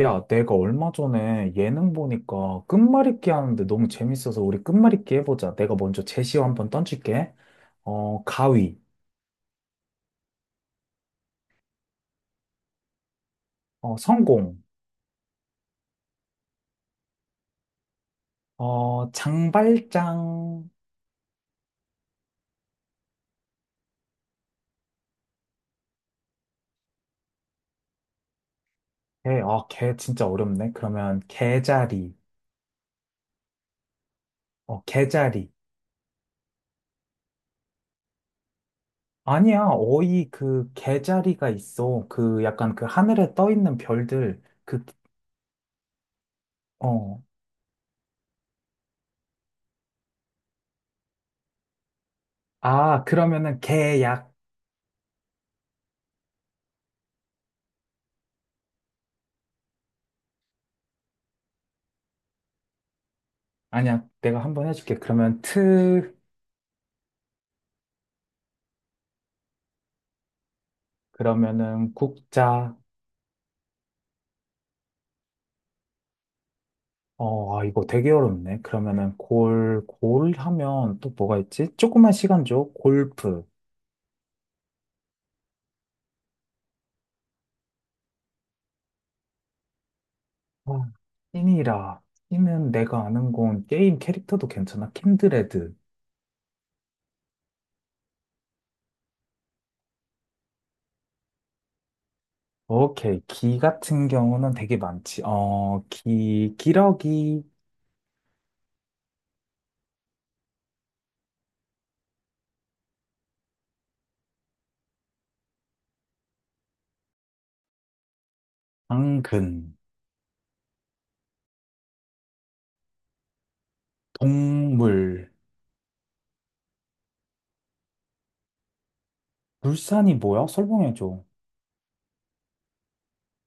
야, 내가 얼마 전에 예능 보니까 끝말잇기 하는데 너무 재밌어서 우리 끝말잇기 해보자. 내가 먼저 제시어 한번 던질게. 가위, 성공, 장발장. 개, 개 진짜 어렵네. 그러면 개자리, 개자리. 아니야, 어이 그 개자리가 있어. 그 약간 그 하늘에 떠 있는 별들. 어, 그러면은 개약. 아니야, 내가 한번 해줄게. 그러면 트, 그러면은 국자. 이거 되게 어렵네. 그러면은 골, 골 하면 또 뭐가 있지? 조그만 시간 줘. 골프. 아, 찐이라. 찐은 내가 아는 건 게임 캐릭터도 괜찮아. 킨드레드. 오케이. 기 같은 경우는 되게 많지. 기러기, 당근, 동물. 물산이 뭐야? 설명해줘.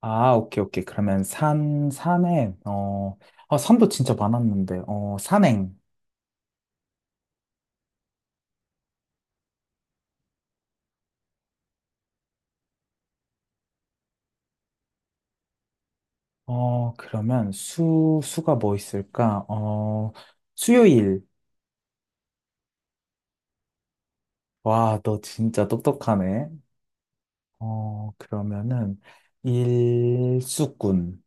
아, 오케이, 오케이. 그러면 산, 산행, 산도 진짜 많았는데, 산행. 그러면 수, 수가 뭐 있을까? 수요일. 와, 너 진짜 똑똑하네. 그러면은, 일수꾼.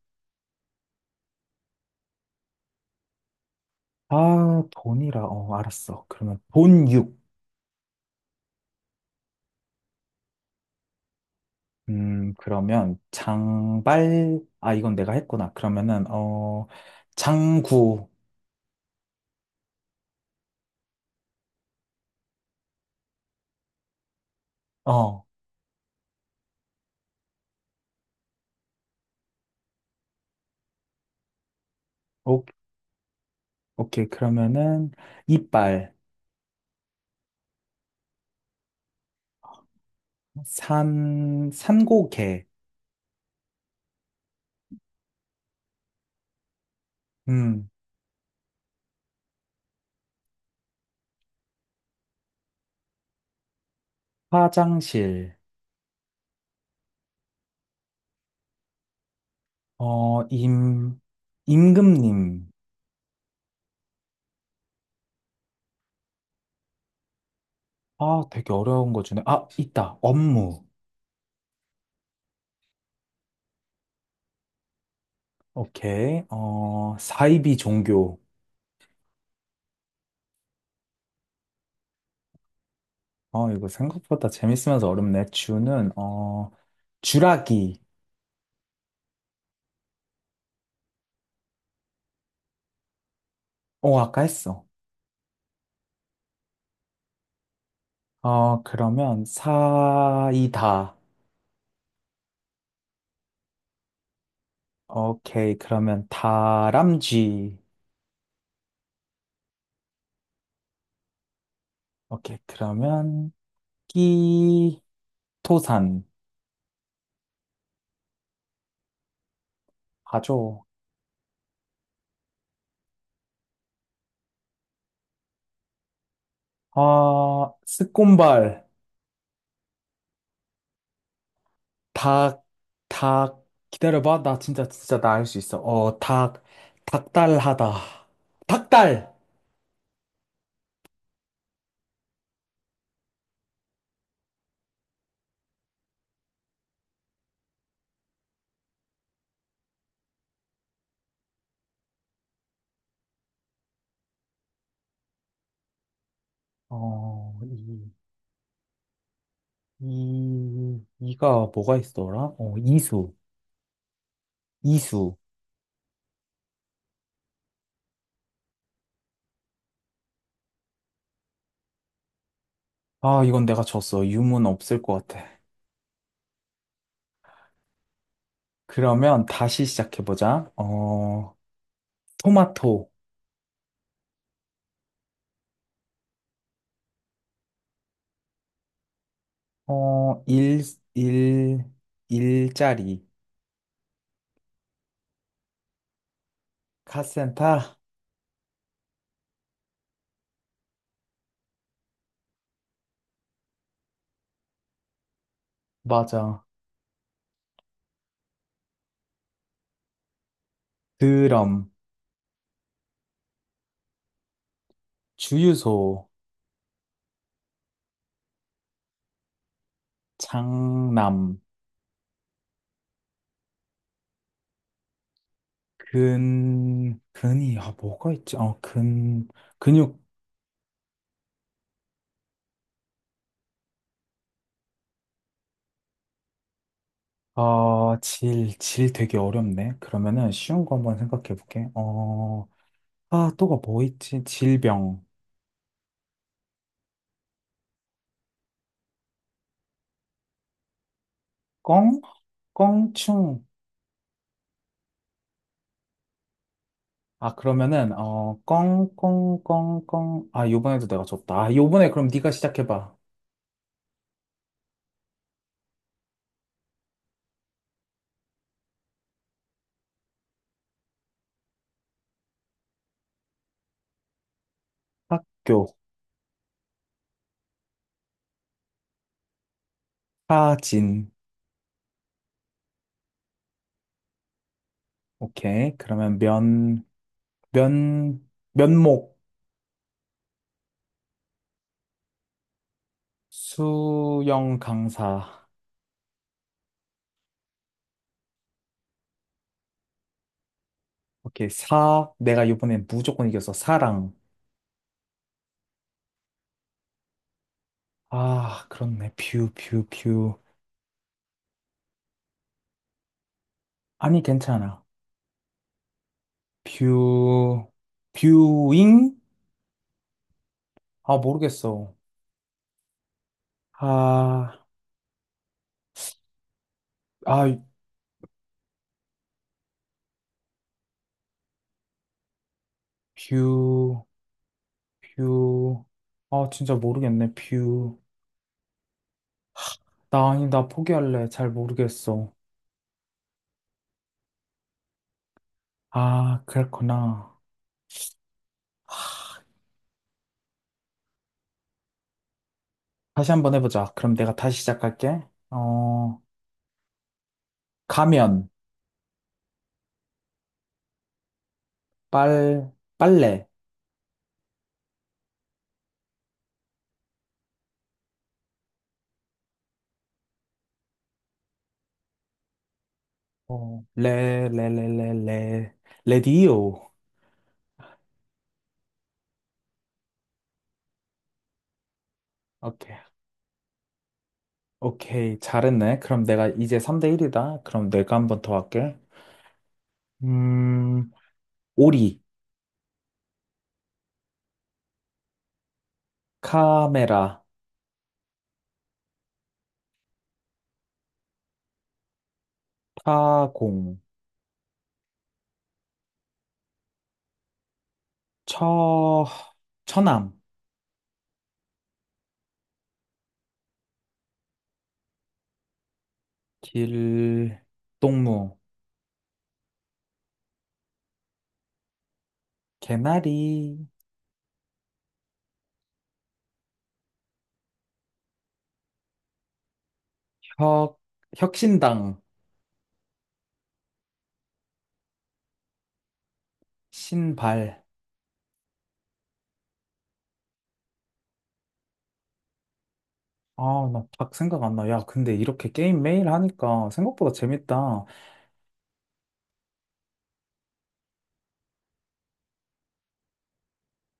아, 돈이라. 알았어. 그러면 돈육. 그러면 장발. 아, 이건 내가 했구나. 그러면은, 장구. 어, 오, 오케이. 그러면은, 이빨. 산, 산고개. 음, 화장실. 어, 임, 임금님. 아, 되게 어려운 거 주네. 아, 있다. 업무. 오케이. 사이비 종교. 이거 생각보다 재밌으면서 어렵네. 주는, 주라기. 어, 아까 했어. 그러면 사이다. 오케이. 그러면 다람쥐. 오케이. 그러면 끼, 토산. 가죠 아, 스콘발. 닭, 닭, 기다려봐. 나 진짜, 나 알 수 있어. 닭달하다. 닭달! 어, 이, 이가 뭐가 있더라? 이수. 아, 이건 내가 졌어. 유문 없을 것 같아. 그러면 다시 시작해보자. 토마토. 어, 일, 일, 일자리. 카센터. 맞아. 드럼. 주유소. 장남. 뭐가 있지? 근육, 질 되게 어렵네. 그러면은 쉬운 거 한번 생각해 볼게. 또가 뭐 있지? 질병. 껑? 껑충. 아, 그러면은, 어, 껑, 껑, 껑, 껑. 아, 요번에도 내가 줬다. 아, 요번에 그럼 네가 시작해 봐. 학교, 사진. 오케이. 그러면 면목, 수영 강사. 오케이, 4. 내가 이번엔 무조건 이겼어. 사랑 아, 그렇네. 뷰. 아니, 괜찮아. 뷰, 뷰잉? 아, 모르겠어. 아, 아, 뷰, 뷰. 아, 진짜 모르겠네. 뷰. 나 아니, 나 포기할래. 잘 모르겠어. 아, 그랬구나. 다시 한번 해보자. 그럼 내가 다시 시작할게. 어, 가면, 빨, 빨래. 어, 레, 레, 레, 레, 레, 레디오. 오케이. 오케이. 잘했네. 그럼 내가 이제 3대 1이다. 그럼 내가 한번 더 할게. 음, 오리, 카메라, 타공, 처, 처남, 길, 동무, 개나리, 혁, 혁신당, 신발. 아, 나 딱 생각 안 나. 야, 근데 이렇게 게임 매일 하니까 생각보다 재밌다.